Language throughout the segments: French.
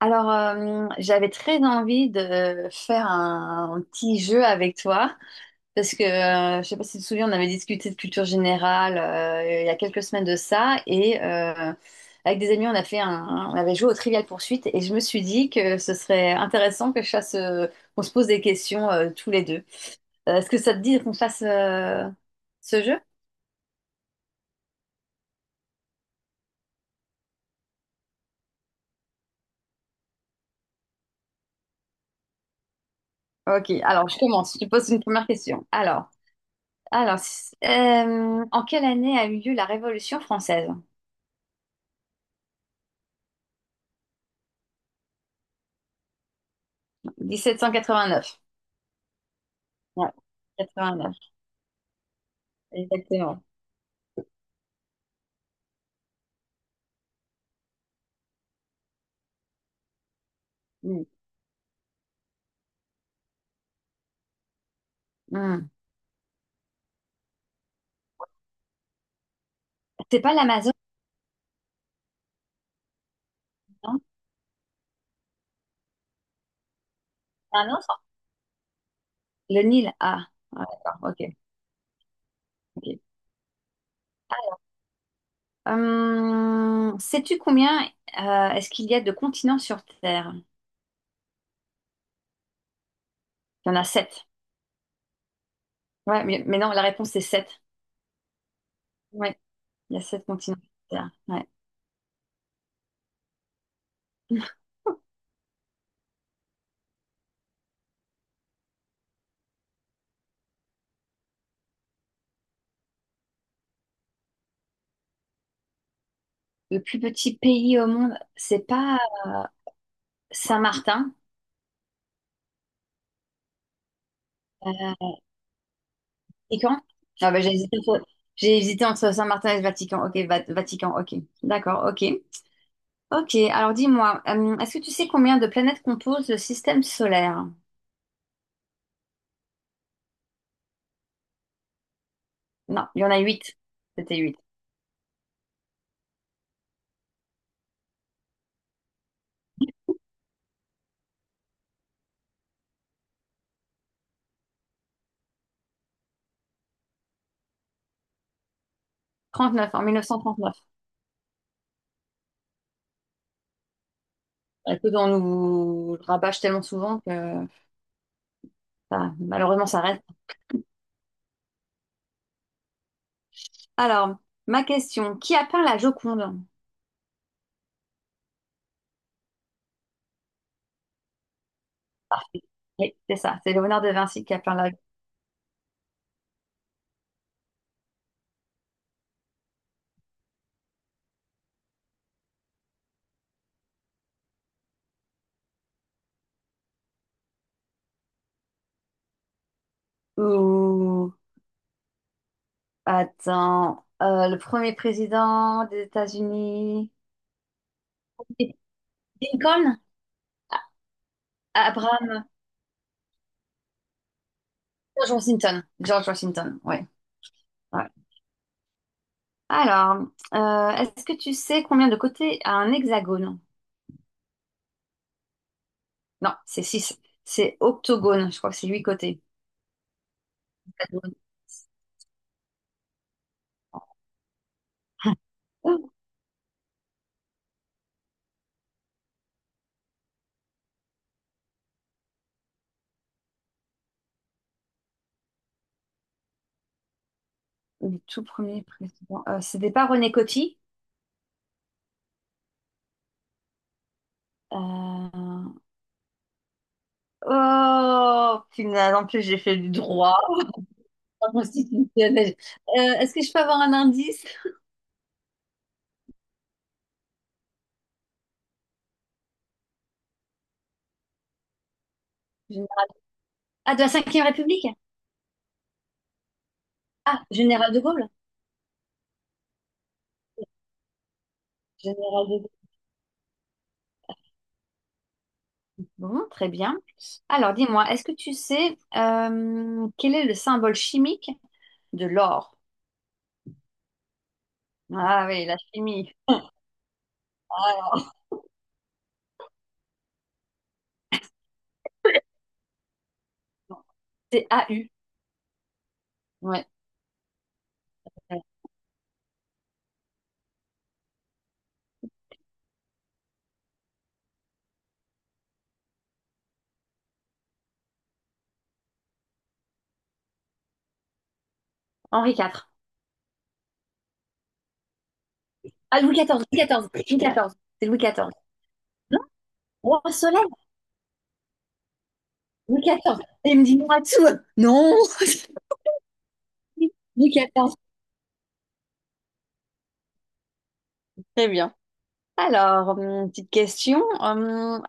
Alors, j'avais très envie de faire un petit jeu avec toi, parce que je sais pas si tu te souviens, on avait discuté de culture générale il y a quelques semaines de ça, et avec des amis, on a fait un, on avait joué au Trivial Poursuite, et je me suis dit que ce serait intéressant qu'on se pose des questions tous les deux. Est-ce que ça te dit qu'on fasse ce jeu? Ok, alors je commence. Je te pose une première question. Alors, en quelle année a eu lieu la Révolution française? 1789. Ouais, 89, exactement. Mm. Mm. C'est pas l'Amazon, non? C'est un autre? Le Nil. Ah, ah, d'accord, ok. Ok. Sais-tu combien est-ce qu'il y a de continents sur Terre? Il y en a sept. Ouais, mais non, la réponse c'est sept. Ouais, il y a sept continents sur Terre. Ouais. Le plus petit pays au monde, c'est pas Saint-Martin. Euh, Vatican? Ah bah, j'ai hésité entre Saint-Martin et le Vatican. Ok, Vatican, ok. D'accord, ok. Ok, alors dis-moi, est-ce que tu sais combien de planètes composent le système solaire? Non, il y en a huit. C'était huit. 39, en 1939. Écoute, on nous le rabâche tellement souvent que, enfin, malheureusement ça reste. Alors, ma question, qui a peint la Joconde? Ah, oui, c'est ça, c'est Léonard de Vinci qui a peint la... Ouh, attends, le premier président des États-Unis... Lincoln? Ah, Abraham... George Washington. George Washington, oui. Alors, est-ce que tu sais combien de côtés a un hexagone? Non, c'est 6. C'est octogone, je crois que c'est 8 côtés. Hexagone. Oh, le tout premier président. C'était pas René Coty? Euh, Oh, punaise, en plus j'ai fait du droit. Constitutionnel. Est-ce que je peux avoir un indice? Général- Ah, de la cinquième République? Ah, Général de Gaulle. Général de Gaulle. Bon, très bien. Alors, dis-moi, est-ce que tu sais quel est le symbole chimique de l'or? Ah oui, la chimie. Alors, c'est AU. Ouais. Henri IV. Ah, Louis XIV, Louis XIV, Louis XIV. C'est Louis XIV. Roi Soleil, Louis XIV. Et il me dit moi tout. Non, Louis XIV. Très bien. Alors, petite question.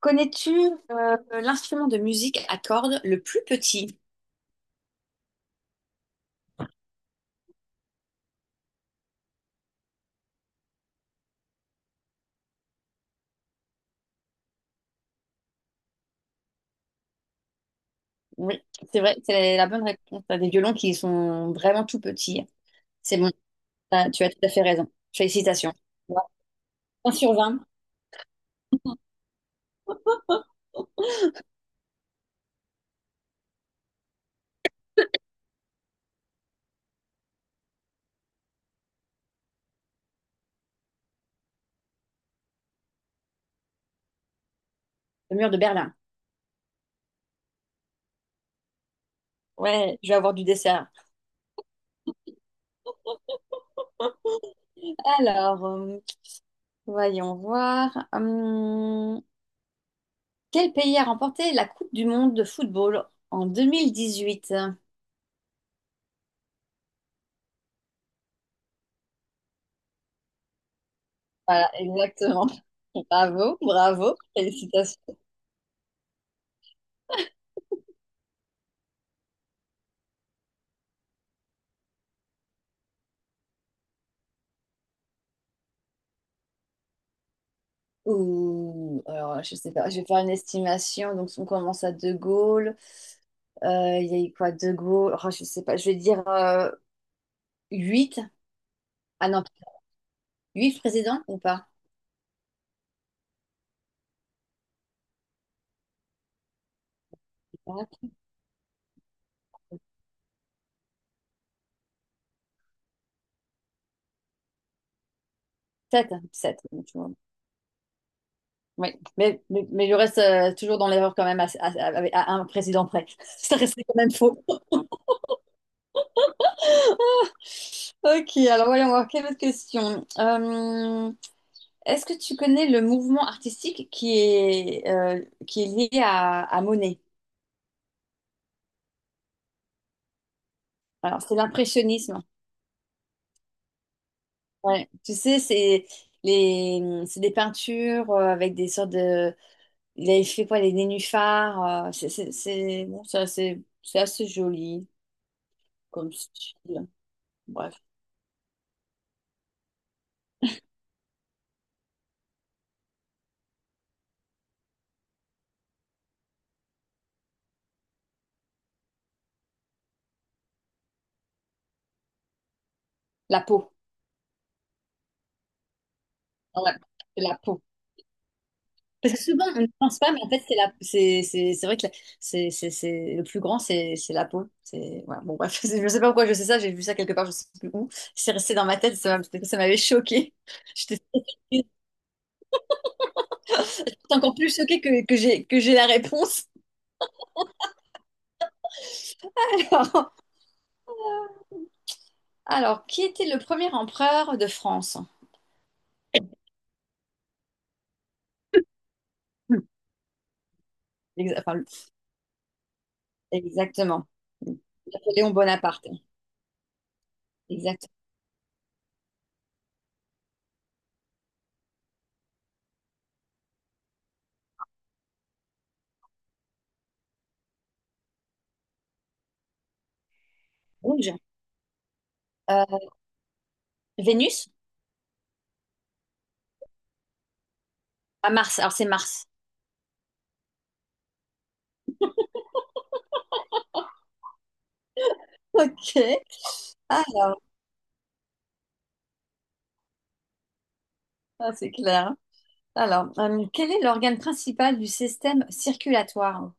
Connais-tu euh, l'instrument de musique à cordes le plus petit? Oui, c'est vrai, c'est la bonne réponse. T'as des violons qui sont vraiment tout petits. C'est bon, tu as tout à fait raison. Félicitations. Ouais. 1 sur 20. Le mur de Berlin. Ouais, je vais avoir du dessert. Alors, voyons voir. Quel pays a remporté la Coupe du monde de football en 2018? Voilà, exactement. Bravo, bravo, félicitations. Ouh, alors, je sais pas, je vais faire une estimation. Donc, on commence à De Gaulle. Il y a eu quoi, De Gaulle? Oh, je sais pas, je vais dire 8. Ah non, 8 présidents ou pas? 7, 7. Oui, mais je reste toujours dans l'erreur quand même, à un président près. Ça restait quand même faux. Ok, alors voyons voir, quelle autre question. Est-ce que tu connais le mouvement artistique qui est lié à Monet? Alors, c'est l'impressionnisme. Ouais. Tu sais, c'est des peintures avec des sortes de... Il avait fait quoi, les nénuphars. Bon, c'est assez joli comme style. Bref, la peau. Ouais, c'est la peau. Parce que souvent, on ne pense pas, mais en fait, c'est vrai que le plus grand, c'est la peau. Voilà. Bon, bref, je ne sais pas pourquoi je sais ça, j'ai vu ça quelque part, je ne sais plus où. C'est resté dans ma tête, ça, ça m'avait choquée. J'étais encore plus choquée que j'ai la réponse. Alors, qui était le premier empereur de France? Hmm. Exa- enfin, Exactement. Napoléon Bonaparte. Exactement. Rouge. Euh, Vénus? À Mars. Alors, c'est Mars. Ok. alors Ah, c'est clair. Alors, quel est l'organe principal du système circulatoire?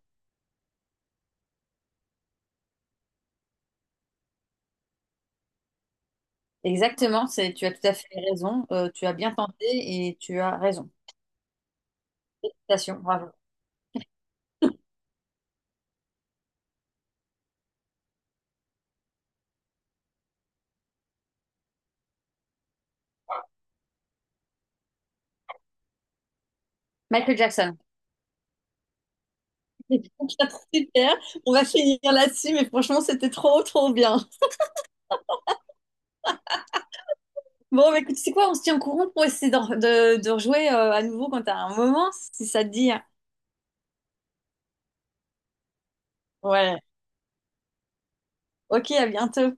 Exactement, tu as tout à fait raison. Tu as bien tenté et tu as raison. Félicitations, bravo. Michael Jackson. Super, on va finir là-dessus, mais franchement, c'était trop, trop bien. Bon, bah, écoute, c'est quoi? On se tient au courant pour essayer de rejouer à nouveau quand t'as un moment, si ça te dit. Ouais. Ok, à bientôt.